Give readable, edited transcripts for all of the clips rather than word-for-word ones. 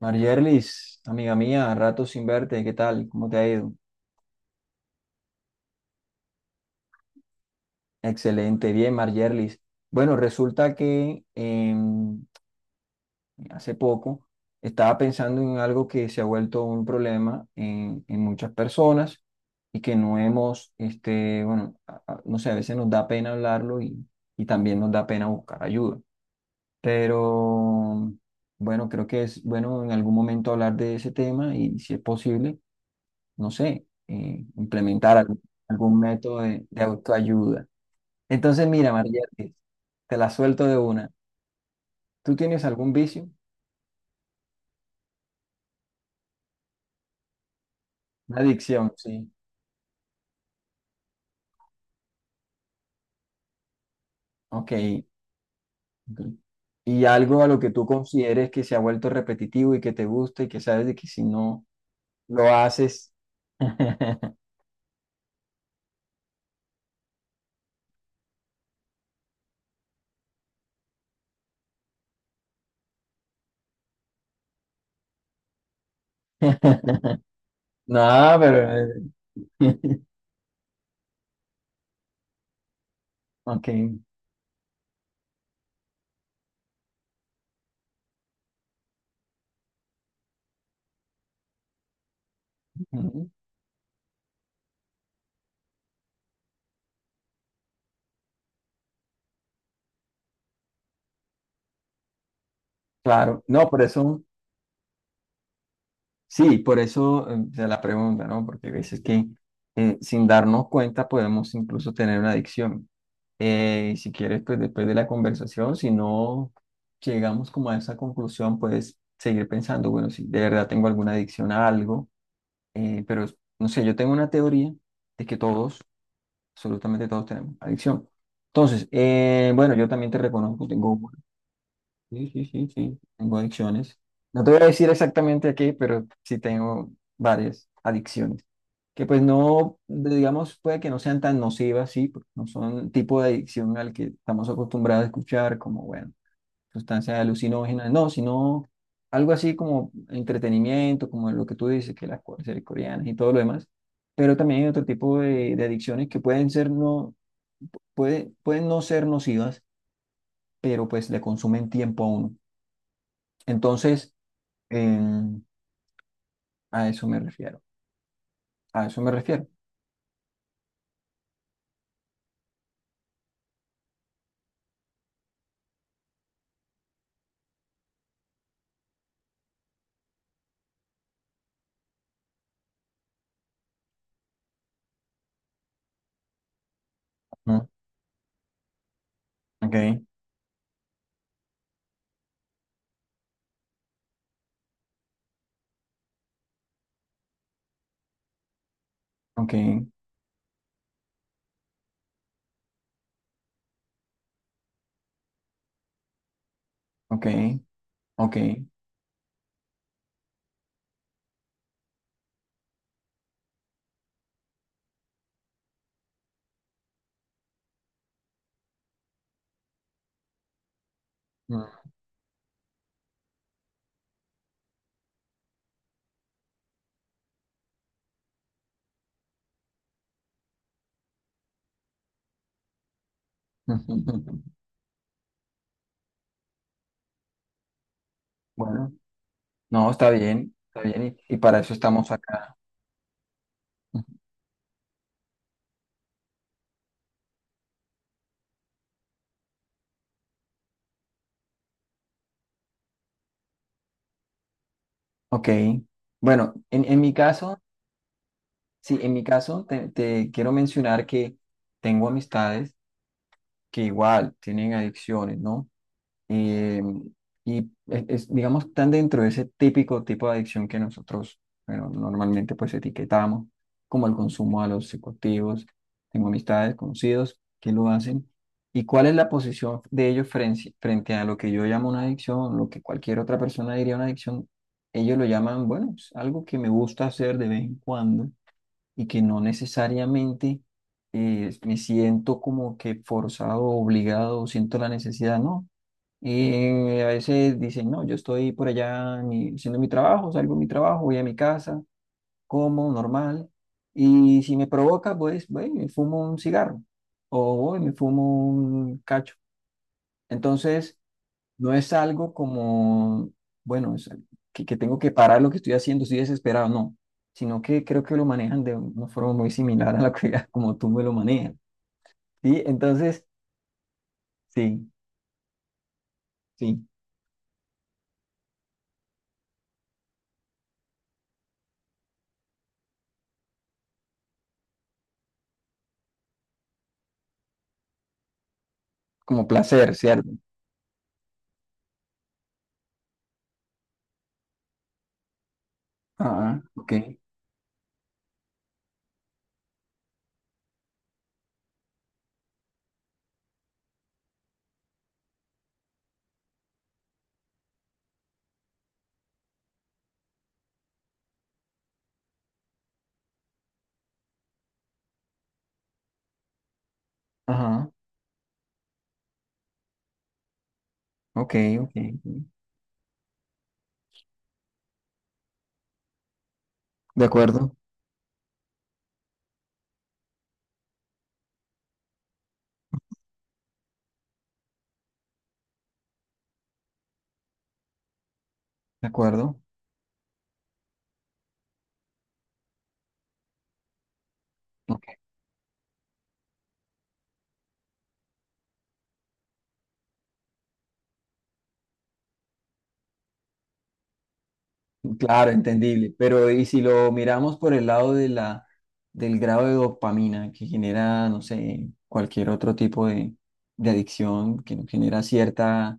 Marjerlis, amiga mía, rato sin verte, ¿qué tal? ¿Cómo te ha ido? Excelente, bien, Marjerlis. Bueno, resulta que hace poco estaba pensando en algo que se ha vuelto un problema en muchas personas y que no hemos, este, bueno, no sé, a veces nos da pena hablarlo y también nos da pena buscar ayuda. Pero bueno, creo que es bueno en algún momento hablar de ese tema y si es posible no sé, implementar algún método de autoayuda. Entonces, mira, María, te la suelto de una. ¿Tú tienes algún vicio? Una adicción, sí. Ok. Ok. Y algo a lo que tú consideres que se ha vuelto repetitivo y que te gusta y que sabes de que si no lo haces... No, pero... eh, Ok. Ujú. Claro. No, por eso... Sí, por eso se la pregunta, ¿no? Porque a veces que sin darnos cuenta podemos incluso tener una adicción. Y si quieres, pues después de la conversación, si no llegamos como a esa conclusión, puedes seguir pensando, bueno, si de verdad tengo alguna adicción a algo, pero no sé, yo tengo una teoría de que todos, absolutamente todos tenemos adicción. Entonces, bueno, yo también te reconozco, tengo... Sí, sí, sí, sí. Tengo adicciones. No te voy a decir exactamente aquí, pero sí tengo varias adicciones. Que pues no, digamos, puede que no sean tan nocivas, sí, porque no son el tipo de adicción al que estamos acostumbrados a escuchar, como, bueno, sustancias alucinógenas, no, sino algo así como entretenimiento, como lo que tú dices, que las cosas coreanas y todo lo demás. Pero también hay otro tipo de adicciones que pueden ser no, pueden no ser nocivas, pero pues le consumen tiempo a uno. Entonces, Em, a eso me refiero. A eso me refiero. Mm, ok, ok, ok, ok. Mm. Bueno, no, está bien, está bien. Y para eso estamos acá. Ok. Bueno, en mi caso, sí, en mi caso te quiero mencionar que tengo amistades que igual tienen adicciones, ¿no? Eh, y es, digamos, están dentro de ese típico tipo de adicción que nosotros, bueno, normalmente pues etiquetamos, como el consumo a los psicoactivos. Tengo amistades, conocidos que lo hacen. ¿Y cuál es la posición de ellos frente a lo que yo llamo una adicción, lo que cualquier otra persona diría una adicción? Ellos lo llaman, bueno, es algo que me gusta hacer de vez en cuando y que no necesariamente me siento como que forzado, obligado, siento la necesidad, ¿no? Y a veces dicen, no, yo estoy por allá en mi- haciendo mi trabajo, salgo de mi trabajo, voy a mi casa, como normal, y si me provoca, pues, voy y me fumo un cigarro o voy y me fumo un cacho. Entonces, no es algo como, bueno, es que tengo que parar lo que estoy haciendo, estoy desesperado, no, sino que creo que lo manejan de una forma muy similar a la que como tú me lo manejas. ¿Sí? Entonces, sí, sí, como placer, ¿cierto? Ah, ok. Ajá, ok, ok. Ok. De acuerdo, de acuerdo. Ok. Claro, entendible, pero y si lo miramos por el lado de la, del grado de dopamina que genera, no sé, cualquier otro tipo de adicción que nos genera cierta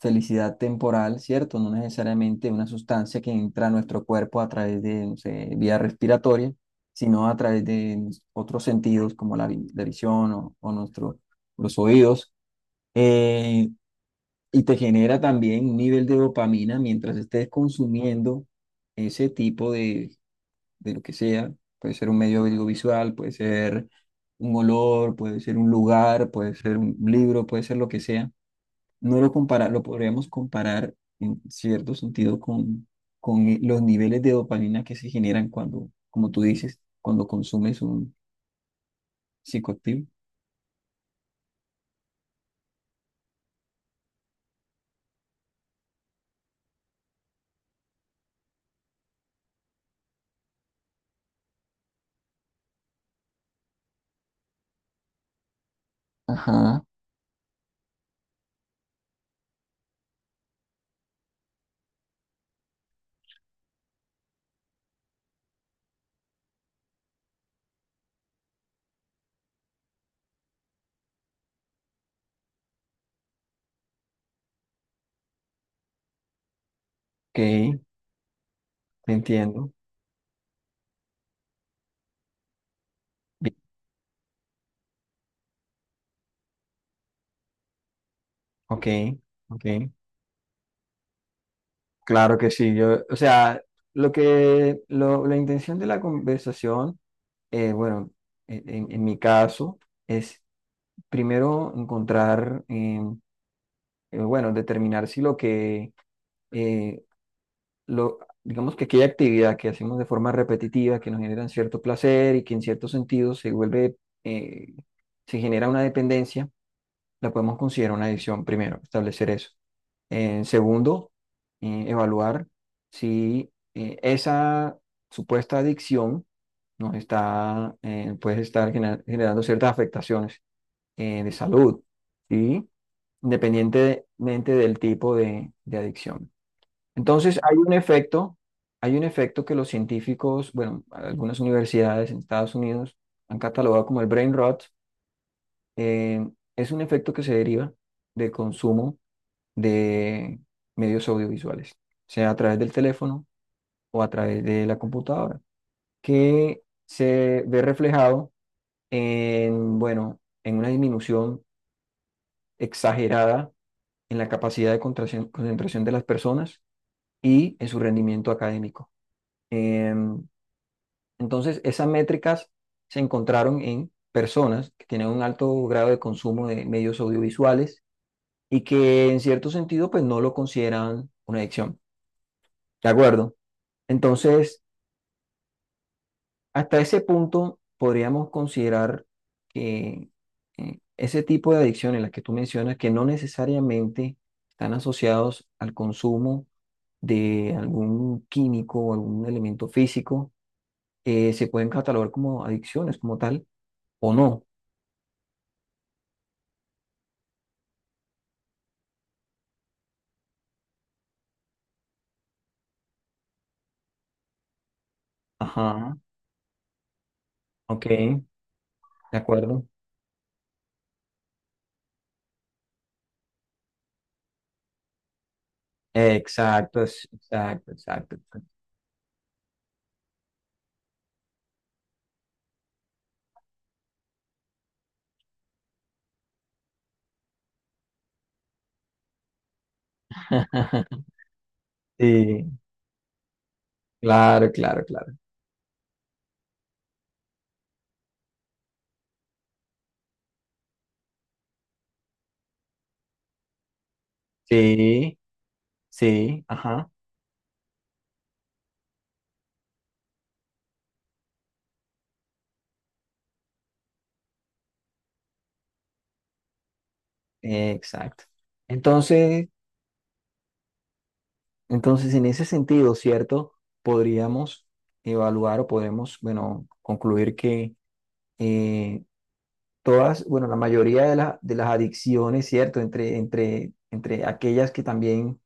felicidad temporal, ¿cierto? No necesariamente una sustancia que entra a nuestro cuerpo a través de, no sé, vía respiratoria, sino a través de otros sentidos como la, vi- la visión o nuestro, los oídos. Eh, y te genera también un nivel de dopamina mientras estés consumiendo ese tipo de lo que sea. Puede ser un medio audiovisual, puede ser un olor, puede ser un lugar, puede ser un libro, puede ser lo que sea. No lo compara, lo podríamos comparar en cierto sentido con, los niveles de dopamina que se generan cuando, como tú dices, cuando consumes un psicoactivo. Ajá, ok, te entiendo. Bien, ok, ok. Claro que sí, yo, o sea, lo que, lo- la intención de la conversación, bueno, en mi caso, es primero encontrar, bueno, determinar si lo que, eh, lo, digamos que aquella actividad que hacemos de forma repetitiva, que nos genera cierto placer y que en cierto sentido se vuelve, eh, se genera una dependencia la podemos considerar una adicción, primero, establecer eso. Segundo, evaluar si esa supuesta adicción nos está, puede estar gener- generando ciertas afectaciones de salud, ¿sí? Independientemente del tipo de adicción. Entonces, hay un efecto que los científicos, bueno, algunas universidades en Estados Unidos han catalogado como el brain rot. Eh, es un efecto que se deriva del consumo de medios audiovisuales, sea a través del teléfono o a través de la computadora, que se ve reflejado en, bueno, en una disminución exagerada en la capacidad de contracción- concentración de las personas y en su rendimiento académico. Em, entonces, esas métricas se encontraron en personas que tienen un alto grado de consumo de medios audiovisuales y que en cierto sentido pues no lo consideran una adicción. ¿De acuerdo? Entonces, hasta ese punto podríamos considerar que ese tipo de adicciones, las que tú mencionas, que no necesariamente están asociados al consumo de algún químico o algún elemento físico, se pueden catalogar como adicciones como tal o no. Ajá, ok, de acuerdo. Exacto, es- exacto, exacto. Exacto. Sí, claro, claro, claro. Sí, sí, ajá. Exacto. Entonces, entonces, en ese sentido, ¿cierto? Podríamos evaluar o podemos, bueno, concluir que eh, todas, bueno, la mayoría de, la- de las adicciones, ¿cierto? Entre aquellas que también,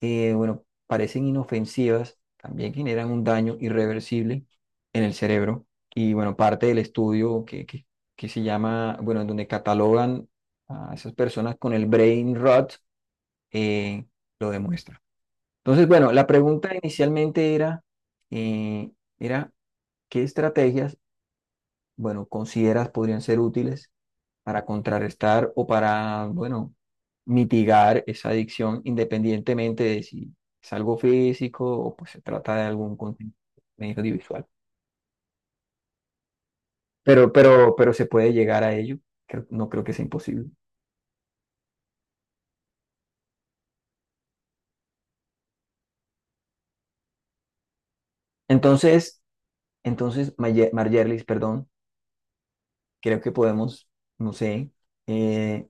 bueno, parecen inofensivas, también generan un daño irreversible en el cerebro. Y bueno, parte del estudio que se llama, bueno, en donde catalogan a esas personas con el brain rot, eh, lo demuestra. Entonces, bueno, la pregunta inicialmente era, eh, era, ¿qué estrategias, bueno, consideras podrían ser útiles para contrarrestar o para, bueno, mitigar esa adicción independientemente de si es algo físico o pues se trata de algún contenido audiovisual? Pero se puede llegar a ello, creo- no creo que sea imposible. Entonces, entonces, Maye- Margerlis, perdón. Creo que podemos, no sé, eh,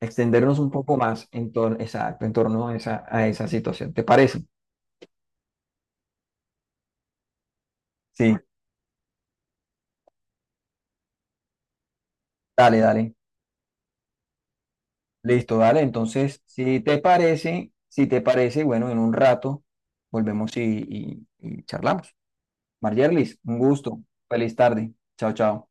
extendernos un poco más en torno, exacto, en torno a esa situación. ¿Te parece? Sí, dale, dale. Listo, dale. Entonces, si te parece, si te parece, bueno, en un rato volvemos y charlamos. Margerlis, un gusto. Feliz tarde. Chao, chao.